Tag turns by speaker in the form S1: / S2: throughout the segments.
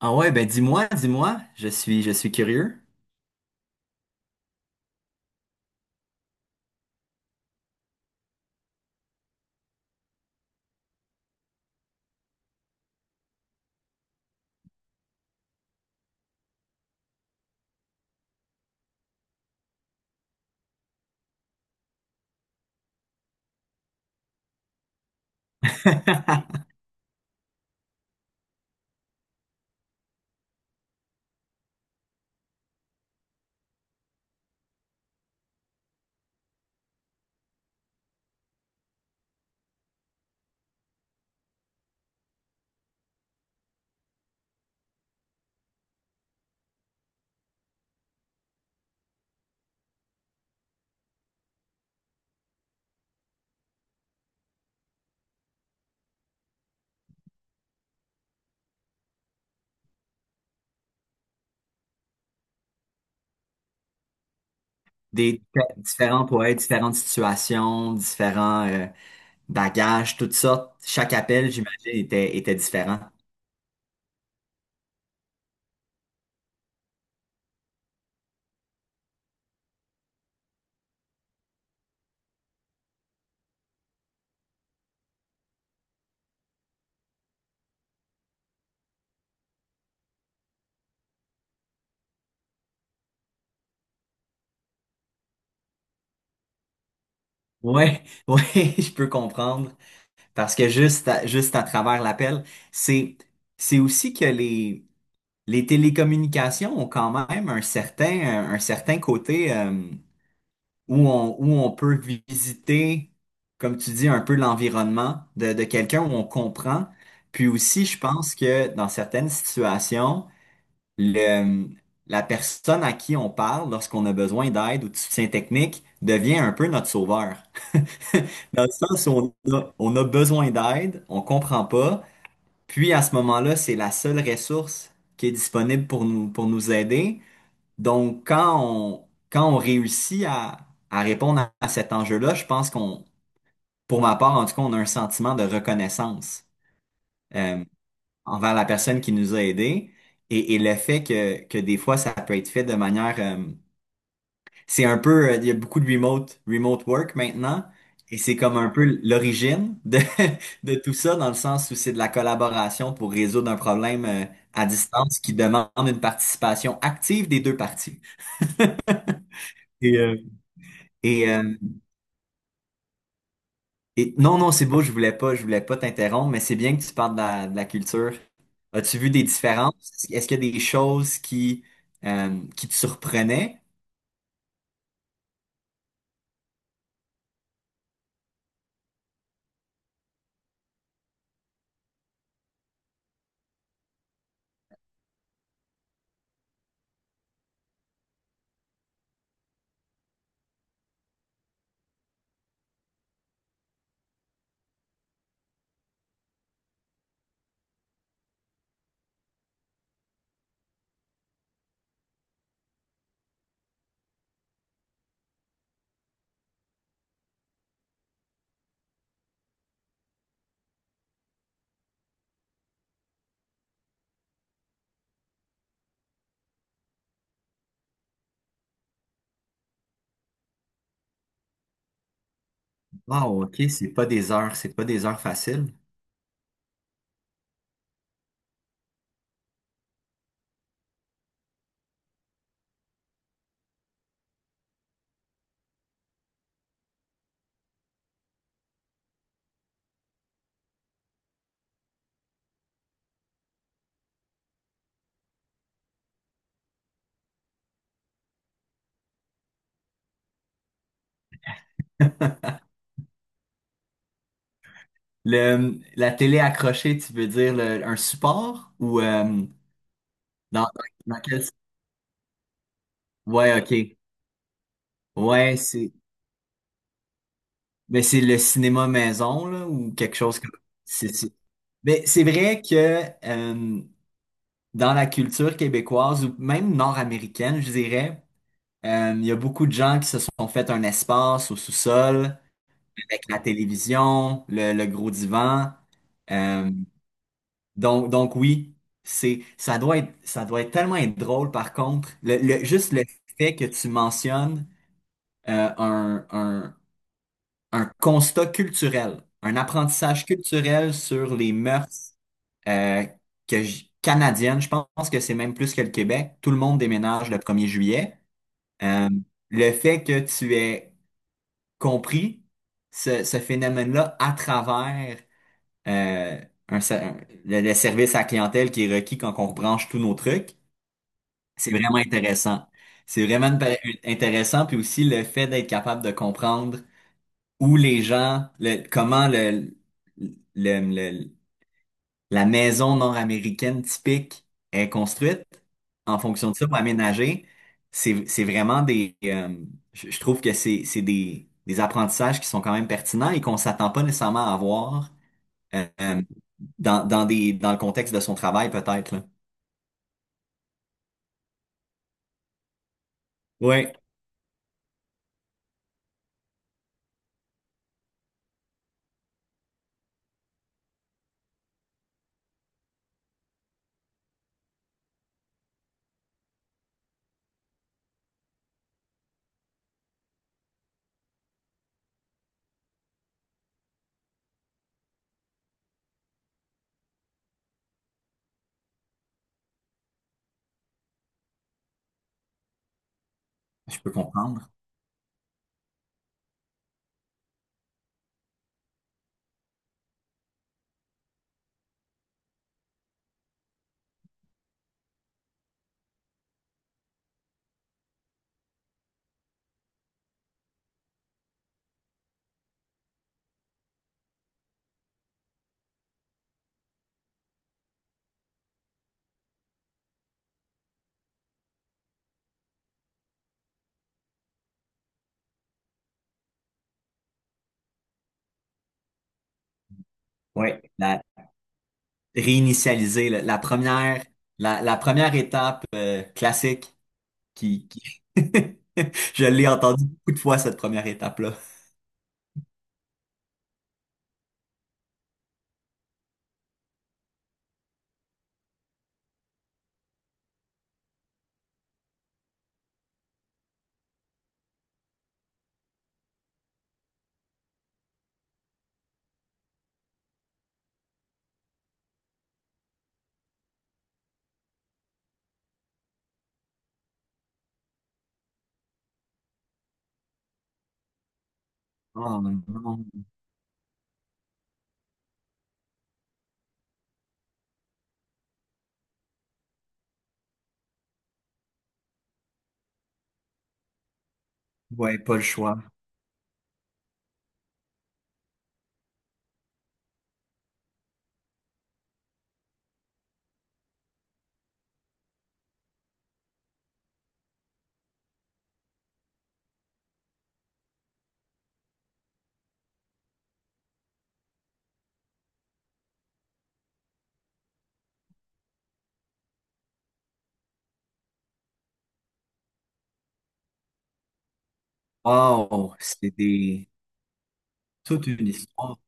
S1: Ah ouais, ben dis-moi, je suis curieux. Des différents poètes, différentes situations, différents bagages, toutes sortes. Chaque appel, j'imagine, était, était différent. Ouais, ouais, je peux comprendre. Parce que juste à travers l'appel, c'est, c'est aussi que les télécommunications ont quand même un, certain côté. Où où on peut visiter, comme tu dis, un peu l'environnement de quelqu'un, où on comprend. Puis aussi, je pense que dans certaines situations, le, la personne à qui on parle lorsqu'on a besoin d'aide ou de soutien technique devient un peu notre sauveur. Dans le sens où on a besoin d'aide, on comprend pas, puis à ce moment-là, c'est la seule ressource qui est disponible pour nous aider. Donc, quand on réussit à répondre à cet enjeu-là, je pense qu'on, pour ma part, en tout cas, on a un sentiment de reconnaissance euh, envers la personne qui nous a aidés et le fait que des fois, ça peut être fait de manière... c'est un peu... Il y a beaucoup de remote work maintenant et c'est comme un peu l'origine de, de tout ça dans le sens où c'est de la collaboration pour résoudre un problème à distance qui demande une participation active des deux parties. Et, et, euh, Et non, non, c'est beau, je voulais pas t'interrompre, mais c'est bien que tu parles de de la culture. As-tu vu des différences? Est-ce qu'il y a des choses qui te surprenaient? Wow, ok, c'est pas des heures faciles. Le, la télé accrochée, tu veux dire un support ou dans, dans quel... Ouais, ok. Ouais, c'est mais c'est le cinéma maison là, ou quelque chose comme c'est c'est- Mais c'est vrai que euh, dans la culture québécoise ou même nord-américaine, je dirais. Il y a beaucoup de gens qui se sont fait un espace au sous-sol avec la télévision, le gros divan. Euh, donc oui, ça doit être tellement être drôle par contre. Juste le fait que tu mentionnes euh, un, un, un constat culturel, un apprentissage culturel sur les mœurs euh, que canadienne, je pense que c'est même plus que le Québec. Tout le monde déménage le premier juillet. Euh, le fait que tu aies compris ce phénomène-là à travers euh, un se- un- le service à la clientèle qui est requis quand on rebranche tous nos trucs, c'est vraiment intéressant. C'est vraiment intéressant, puis aussi le fait d'être capable de comprendre où les gens, comment le, la maison nord-américaine typique est construite en fonction de ça pour aménager. C'est vraiment des... je trouve que c'est, des apprentissages qui sont quand même pertinents et qu'on s'attend pas nécessairement à avoir euh, euh, dans le contexte de son travail, peut-être, là. Oui, je peux comprendre. Oui, la, réinitialiser, la première, la première étape classique qui... Je l'ai entendu beaucoup de fois, cette première étape-là. Oh non. Ouais, pas le choix. Oh, c'est des... toute une histoire.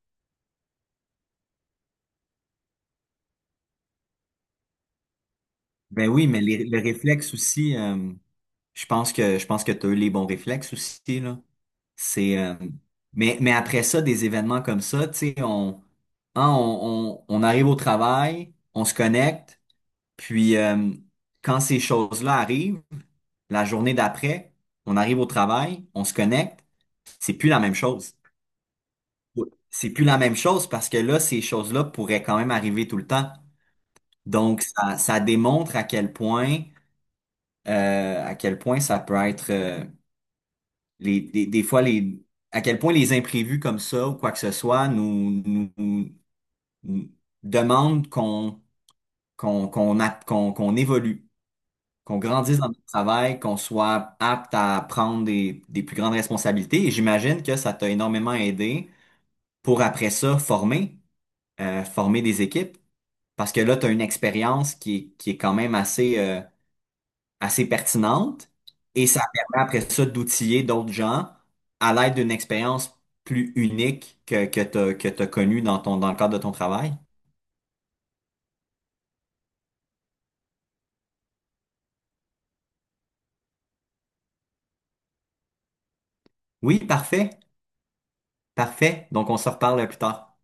S1: Ben oui, mais les réflexes aussi, je pense que tu as eu les bons réflexes aussi, là. C'est, mais après ça, des événements comme ça, tu sais, on, hein, on arrive au travail, on se connecte, puis quand ces choses-là arrivent, la journée d'après, on arrive au travail, on se connecte, c'est plus la même chose. C'est plus la même chose parce que là, ces choses-là pourraient quand même arriver tout le temps. Donc, ça démontre à quel point ça peut être, les, des fois, les, à quel point les imprévus comme ça ou quoi que ce soit nous demandent qu'on, qu'on, qu'on, a qu'on, qu'on évolue, qu'on grandisse dans notre travail, qu'on soit apte à prendre des plus grandes responsabilités. Et j'imagine que ça t'a énormément aidé pour après ça former, former des équipes. Parce que là, tu as une expérience qui est quand même assez, assez pertinente et ça permet après ça d'outiller d'autres gens à l'aide d'une expérience plus unique que t'as connue dans ton, dans le cadre de ton travail. Oui, parfait, parfait. Donc on se reparle plus tard.